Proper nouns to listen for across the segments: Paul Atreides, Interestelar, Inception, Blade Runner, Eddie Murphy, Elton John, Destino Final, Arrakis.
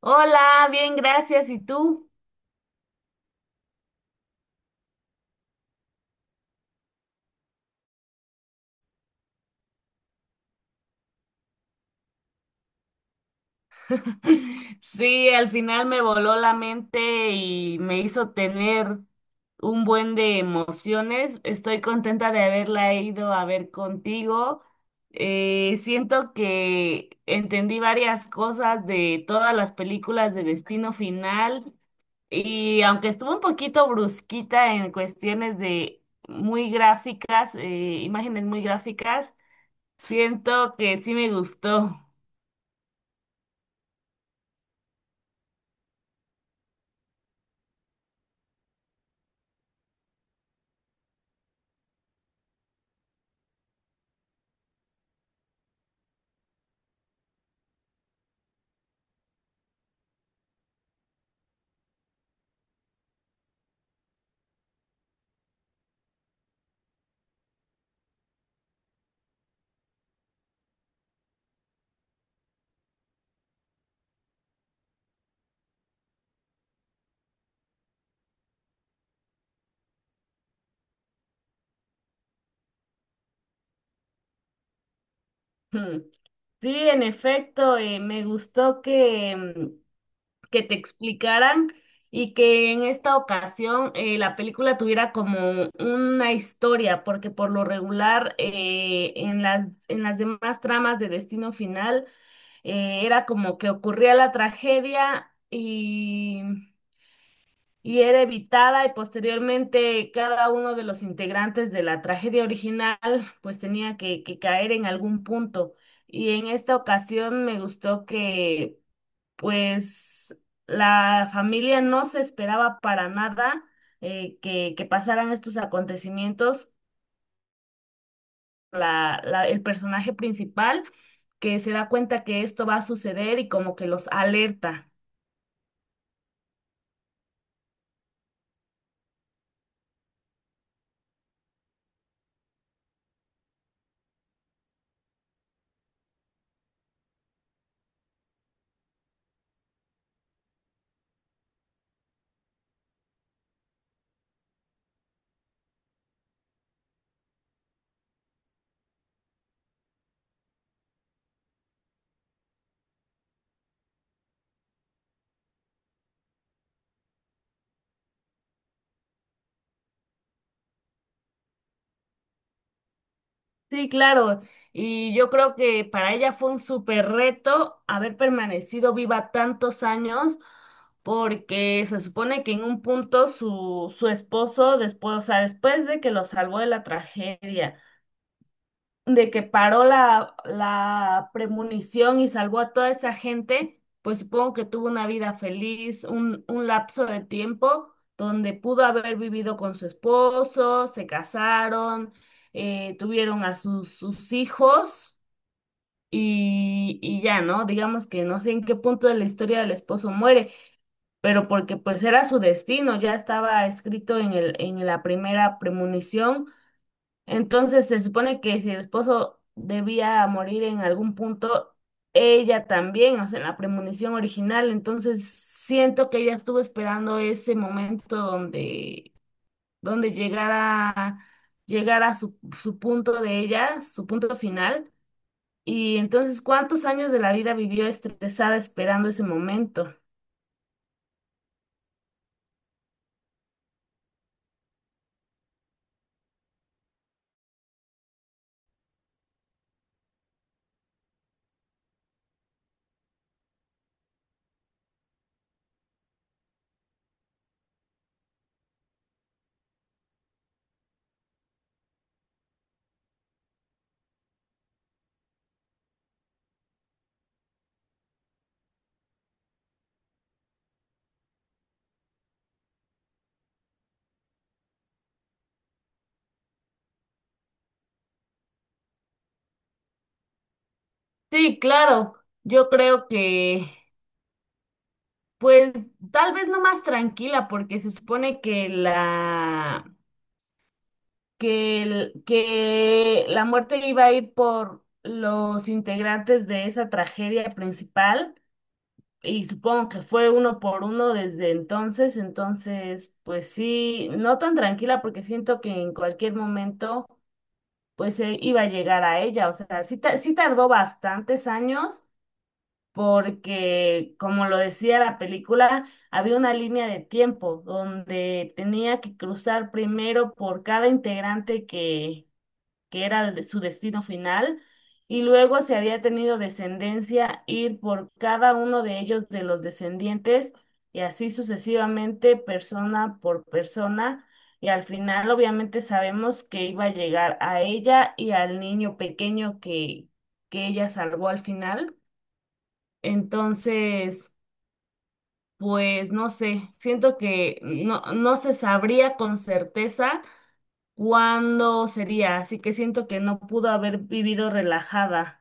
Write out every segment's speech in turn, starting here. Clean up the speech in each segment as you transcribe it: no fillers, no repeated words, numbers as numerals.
Hola, bien, gracias. ¿Y tú? Sí, al final me voló la mente y me hizo tener un buen de emociones. Estoy contenta de haberla ido a ver contigo. Siento que entendí varias cosas de todas las películas de Destino Final y aunque estuvo un poquito brusquita en cuestiones de muy gráficas, imágenes muy gráficas, siento que sí me gustó. Hmm. Sí, en efecto, me gustó que, que te explicaran y que en esta ocasión la película tuviera como una historia, porque por lo regular en las demás tramas de Destino Final era como que ocurría la tragedia y era evitada y posteriormente cada uno de los integrantes de la tragedia original pues tenía que caer en algún punto. Y en esta ocasión me gustó que pues la familia no se esperaba para nada, que pasaran estos acontecimientos. El personaje principal que se da cuenta que esto va a suceder y como que los alerta. Sí, claro. Y yo creo que para ella fue un súper reto haber permanecido viva tantos años, porque se supone que en un punto su esposo, después, o sea, después de que lo salvó de la tragedia, de que paró la premonición y salvó a toda esa gente, pues supongo que tuvo una vida feliz, un lapso de tiempo donde pudo haber vivido con su esposo, se casaron, tuvieron a sus hijos y ya, ¿no? Digamos que no sé en qué punto de la historia del esposo muere, pero porque pues era su destino, ya estaba escrito en la primera premonición. Entonces se supone que si el esposo debía morir en algún punto, ella también, o sea, en la premonición original, entonces siento que ella estuvo esperando ese momento donde, donde llegara, llegara su punto de ella, su punto final. Y entonces, ¿cuántos años de la vida vivió estresada esperando ese momento? Sí, claro, yo creo que, pues, tal vez no más tranquila, porque se supone que la muerte iba a ir por los integrantes de esa tragedia principal y supongo que fue uno por uno desde entonces. Entonces pues sí, no tan tranquila porque siento que en cualquier momento pues iba a llegar a ella. O sea, sí, sí tardó bastantes años porque como lo decía la película, había una línea de tiempo donde tenía que cruzar primero por cada integrante que era su destino final, y luego si había tenido descendencia, ir por cada uno de ellos, de los descendientes, y así sucesivamente, persona por persona, y al final obviamente sabemos que iba a llegar a ella y al niño pequeño que ella salvó al final. Entonces, pues no sé, siento que no se sabría con certeza ¿cuándo sería? Así que siento que no pudo haber vivido relajada.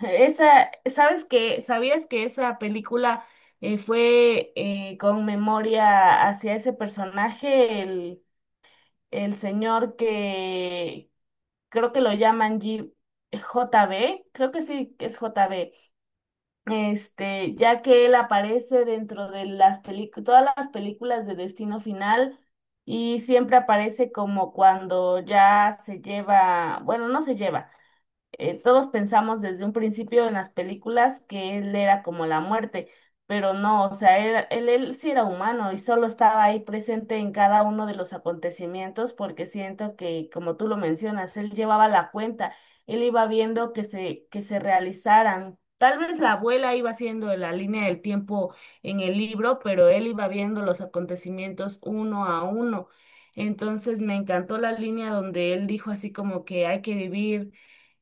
Esa, ¿sabes que ¿Sabías que esa película fue con memoria hacia ese personaje, el señor que creo que lo llaman JB? Creo que sí, que es JB. Este, ya que él aparece dentro de las películas, todas las películas de Destino Final y siempre aparece como cuando ya se lleva, bueno, no se lleva, todos pensamos desde un principio en las películas que él era como la muerte, pero no, o sea, él sí era humano y solo estaba ahí presente en cada uno de los acontecimientos porque siento que, como tú lo mencionas, él llevaba la cuenta, él iba viendo que se realizaran. Tal vez la abuela iba haciendo la línea del tiempo en el libro, pero él iba viendo los acontecimientos uno a uno. Entonces me encantó la línea donde él dijo así como que hay que vivir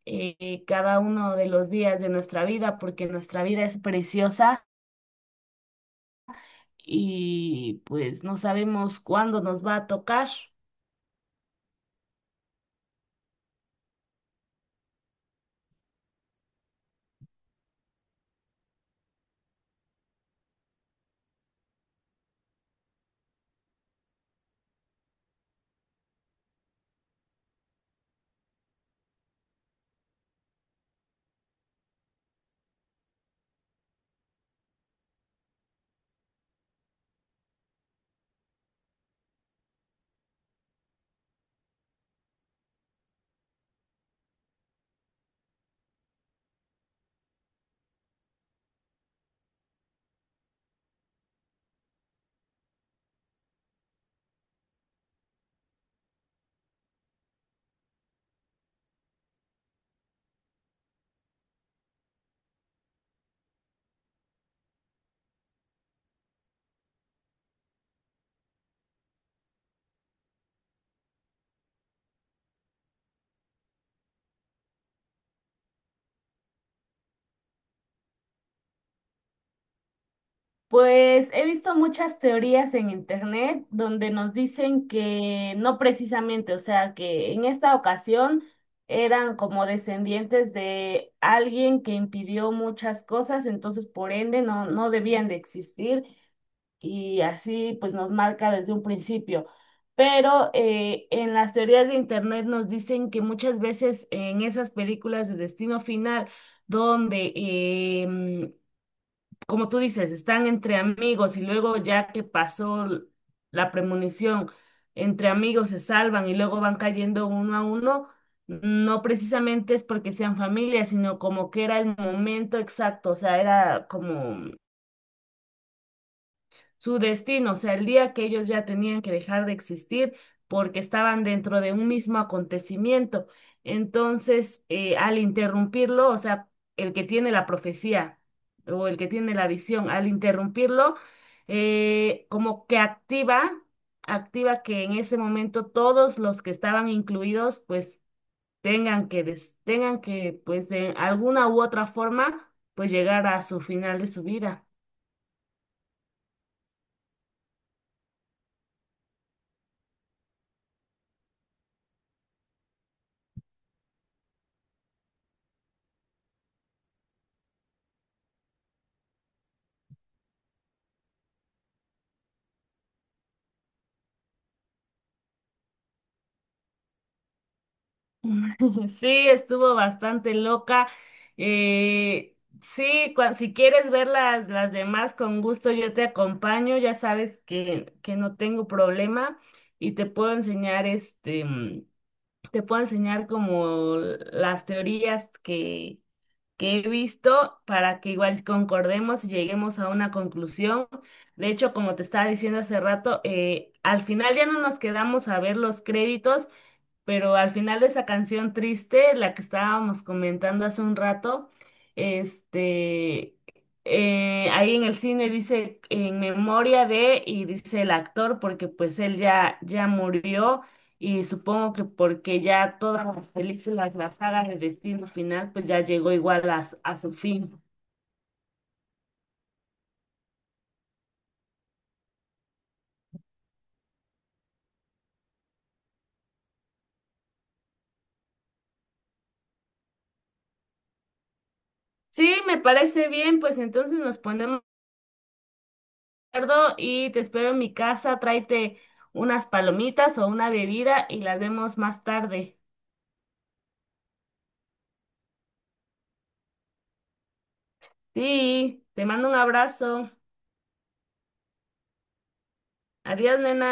cada uno de los días de nuestra vida, porque nuestra vida es preciosa y pues no sabemos cuándo nos va a tocar. Pues he visto muchas teorías en internet donde nos dicen que no precisamente, o sea, que en esta ocasión eran como descendientes de alguien que impidió muchas cosas, entonces por ende no debían de existir y así pues nos marca desde un principio. Pero en las teorías de Internet nos dicen que muchas veces en esas películas de destino final, donde, em, como tú dices, están entre amigos y luego ya que pasó la premonición, entre amigos se salvan y luego van cayendo uno a uno, no precisamente es porque sean familia, sino como que era el momento exacto, o sea, era como su destino, o sea, el día que ellos ya tenían que dejar de existir porque estaban dentro de un mismo acontecimiento. Entonces, al interrumpirlo, o sea, el que tiene la profecía o el que tiene la visión, al interrumpirlo, eh, como que activa, activa que en ese momento todos los que estaban incluidos, pues tengan que, pues de alguna u otra forma, pues llegar a su final de su vida. Sí, estuvo bastante loca. Eh, sí, si quieres ver las demás, con gusto yo te acompaño. Ya sabes que no tengo problema y te puedo enseñar este, te puedo enseñar como las teorías que he visto para que igual concordemos y lleguemos a una conclusión. De hecho, como te estaba diciendo hace rato, al final ya no nos quedamos a ver los créditos, pero al final de esa canción triste, la que estábamos comentando hace un rato, este, ahí en el cine dice en memoria de, y dice el actor, porque pues él ya murió y supongo que porque ya todas las películas, la saga de Destino Final, pues ya llegó igual a, a su fin. Sí, me parece bien, pues entonces nos ponemos de acuerdo y te espero en mi casa, tráete unas palomitas o una bebida y las vemos más tarde. Sí, te mando un abrazo. Adiós, nena.